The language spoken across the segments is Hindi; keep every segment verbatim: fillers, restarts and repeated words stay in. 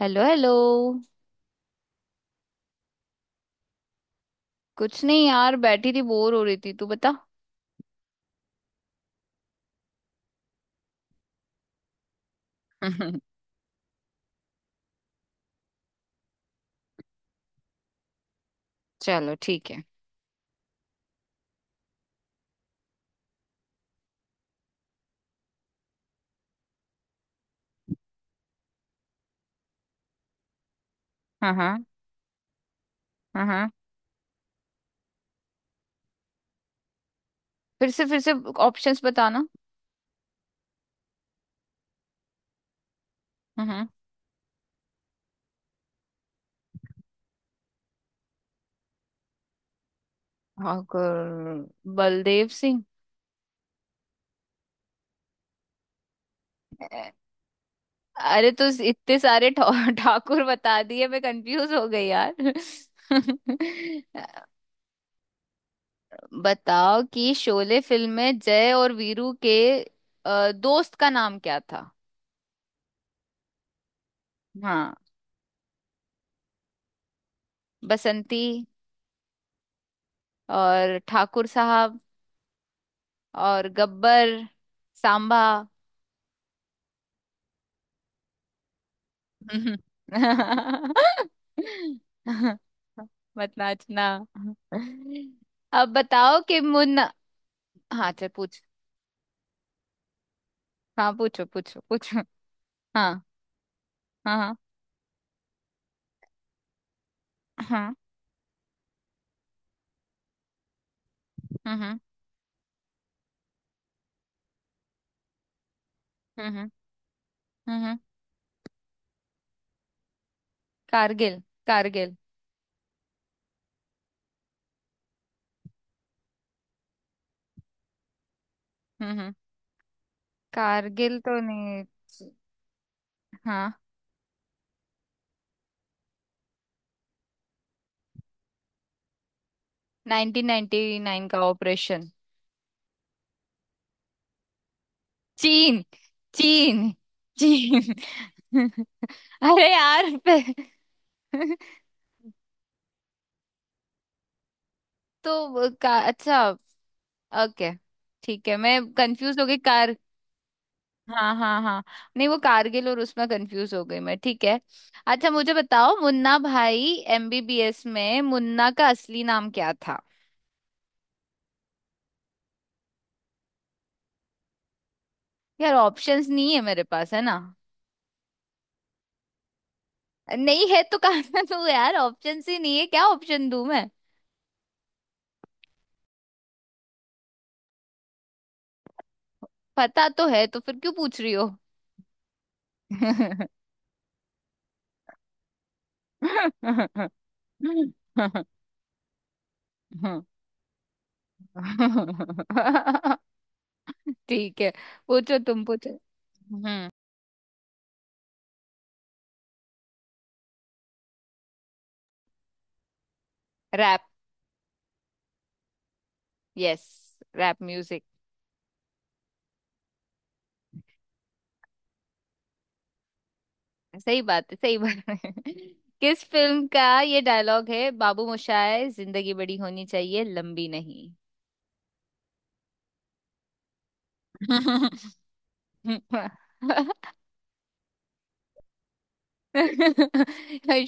Hello hello. कुछ नहीं यार, बैठी थी बोर हो रही थी, तू बता। चलो ठीक है। हाँ हाँ। हाँ हाँ। फिर से फिर से। ऑप्शंस बताना। हाँ। ठाकुर बलदेव सिंह। अ- अरे तो इस- इतने सारे ठा- ठाकुर बता दिए, मैं कंफ्यूज हो गई यार। बताओ कि शोले फिल्म में जय और वीरू के अ, दोस्त का नाम क्या था। हाँ। बसंती और ठाकुर साहब और गब्बर सांबा। मत नाचना। अब बताओ कि मुन्ना। हाँ चल पूछ। हाँ पूछो पूछो पूछो। हाँ हाँ। हाँ हाँ, हम्म हम्म। हम्म हम्म, हम्म। कारगिल। कारगिल। हम्म हम्म। कारगिल तो नहीं। हाँ। नाइनटीन नाइनटी नाइन का ऑपरेशन। चीन चीन चीन। अरे यार पे- तो का, अच्छा। ओके। ठीक है मैं कंफ्यूज हो गई कार हाँ हाँ हाँ। नहीं वो कारगिल और उसमें कंफ्यूज हो गई मैं, ठीक है। अच्छा मुझे बताओ, मुन्ना भाई एमबीबीएस में मुन्ना का असली नाम क्या था। यार ऑप्शंस नहीं है मेरे पास, है ना। नहीं है तो कहाँ से दूँ यार? ऑप्शंस ही नहीं है, क्या ऑप्शन दूँ मैं। पता तो है तो फिर क्यों पूछ रही हो। ठीक है पूछो तुम, पूछो। Hmm. Rap. Yes. Rap music. सही बात है, सही बात है। किस फिल्म का ये डायलॉग है, बाबू मोशाय जिंदगी बड़ी होनी चाहिए लंबी नहीं।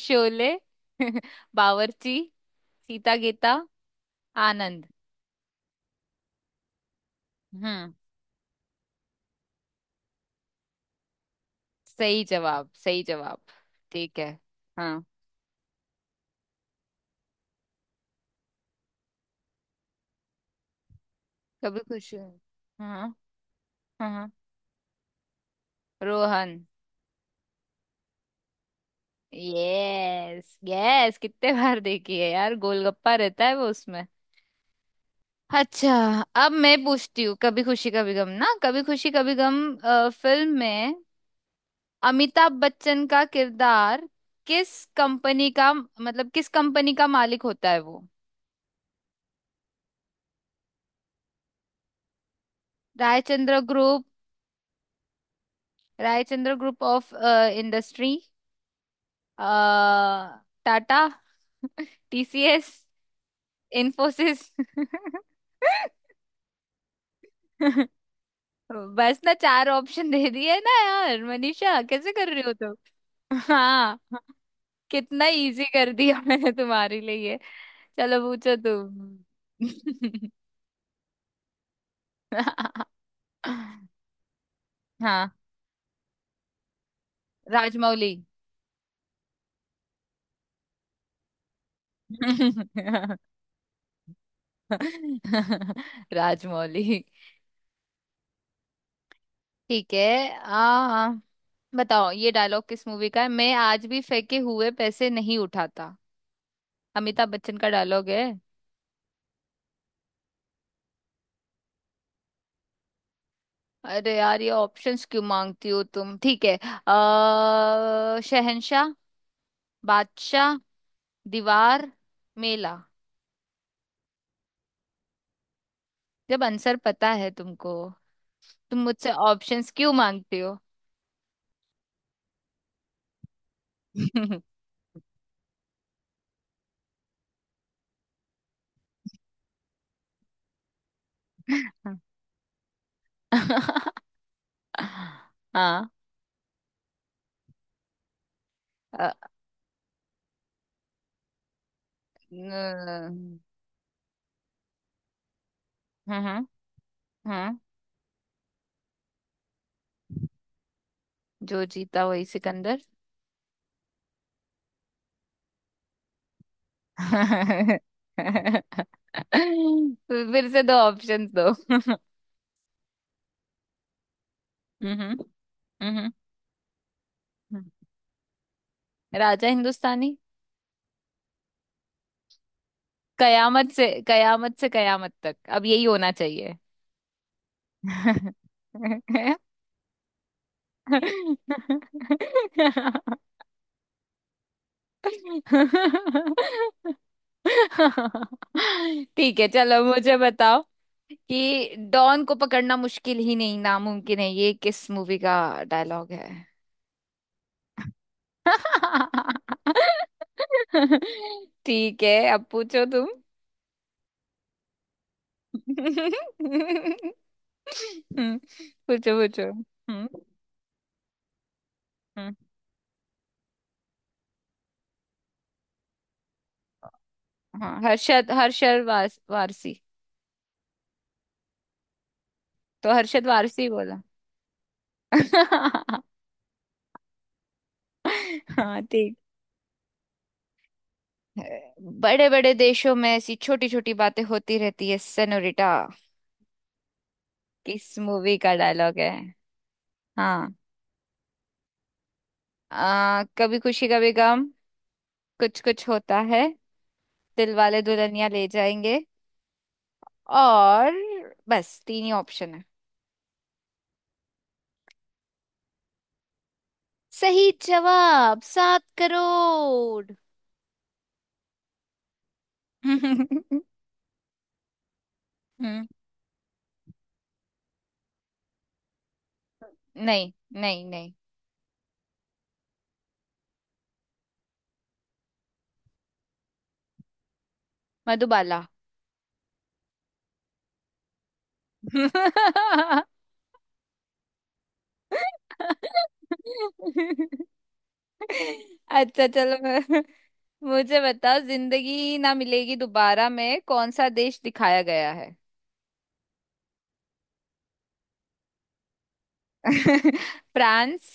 शोले। बावर्ची। सीता गीता। आनंद। हम्म। सही जवाब, सही जवाब। ठीक है। हाँ। कभी खुश हो। हाँ हाँ हाँ। रोहन। यस यस कितने बार देखी है यार, गोलगप्पा रहता है वो उसमें। अच्छा। अब मैं पूछती हूँ, कभी खुशी कभी गम ना, कभी खुशी कभी गम अ, फिल्म में अमिताभ बच्चन का किरदार किस कंपनी का, मतलब किस कंपनी का मालिक होता है वो। Raichandra group. Raichandra group of industry. Tata. TCS. Infosys. बस ना चार ऑप्शन दे दिए ना यार, मनीषा कैसे कर रही हो तुम। हाँ। कितना इजी कर दिया मैंने तुम्हारे लिए ये। चलो पूछो तुम। हाँ राजमौली। राजमौली। ठीक है। आ बताओ ये डायलॉग किस मूवी का है, मैं आज भी फेंके हुए पैसे नहीं उठाता, अमिताभ बच्चन का डायलॉग है। अरे यार ये ऑप्शंस क्यों मांगती हो तुम, ठीक है। आ शहंशाह। बादशाह। दीवार। मेला। जब आंसर पता है तुमको, तुम मुझसे ऑप्शंस क्यों मांगती हो। हाँ। अ, न- हम्म हम्म। जो जीता वही सिकंदर। तो फिर से दो ऑप्शंस दो। हम्म हम्म हम्म, हम्म। राजा हिंदुस्तानी। कयामत से कयामत से कयामत तक, अब यही होना चाहिए। ठीक है चलो मुझे बताओ कि डॉन को पकड़ना मुश्किल ही नहीं नामुमकिन है, ये किस मूवी का डायलॉग है। ठीक है अब पूछो तुम। हम्म, पूछो पूछो, हम्म। हम्म, हाँ हर्षद हर्षद वारस, वारसी। तो हर्षद वारसी बोला। हाँ ठीक। बड़े बड़े देशों में ऐसी छोटी छोटी बातें होती रहती है सेनोरिटा, किस मूवी का डायलॉग है। हाँ। आ, कभी खुशी कभी गम। कुछ कुछ होता है। दिल वाले दुल्हनिया ले जाएंगे। और बस तीन ही ऑप्शन है। सही जवाब सात करोड़। हम्म। नहीं नहीं नहीं। मधुबाला। अच्छा चलो मैं- मुझे बताओ जिंदगी ना मिलेगी दोबारा में कौन सा देश दिखाया गया है। फ्रांस।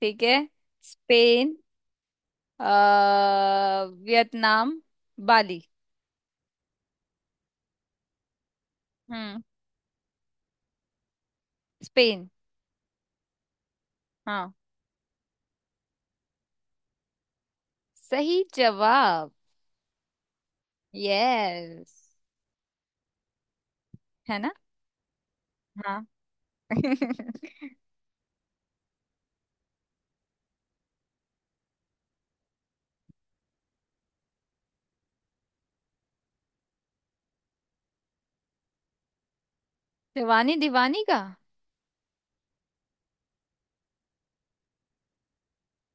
ठीक है। स्पेन। अ, वियतनाम। बाली। हम्म। स्पेन। हाँ। सही जवाब। यस। है ना। हाँ। जवानी दीवानी का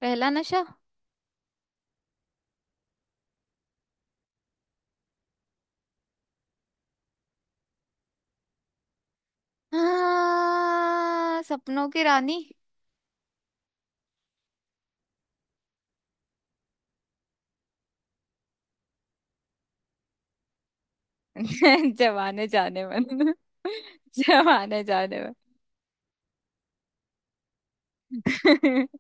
पहला नशा। हाँ सपनों की रानी। जवाने जाने मन। जवाने जाने मन।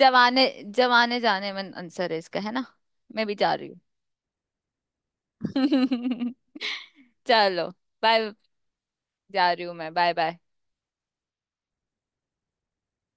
जवाने जवाने जाने मन आंसर है इसका, है ना। मैं भी जा रही हूँ। चलो बाय। जा रही हूँ मैं, बाय बाय।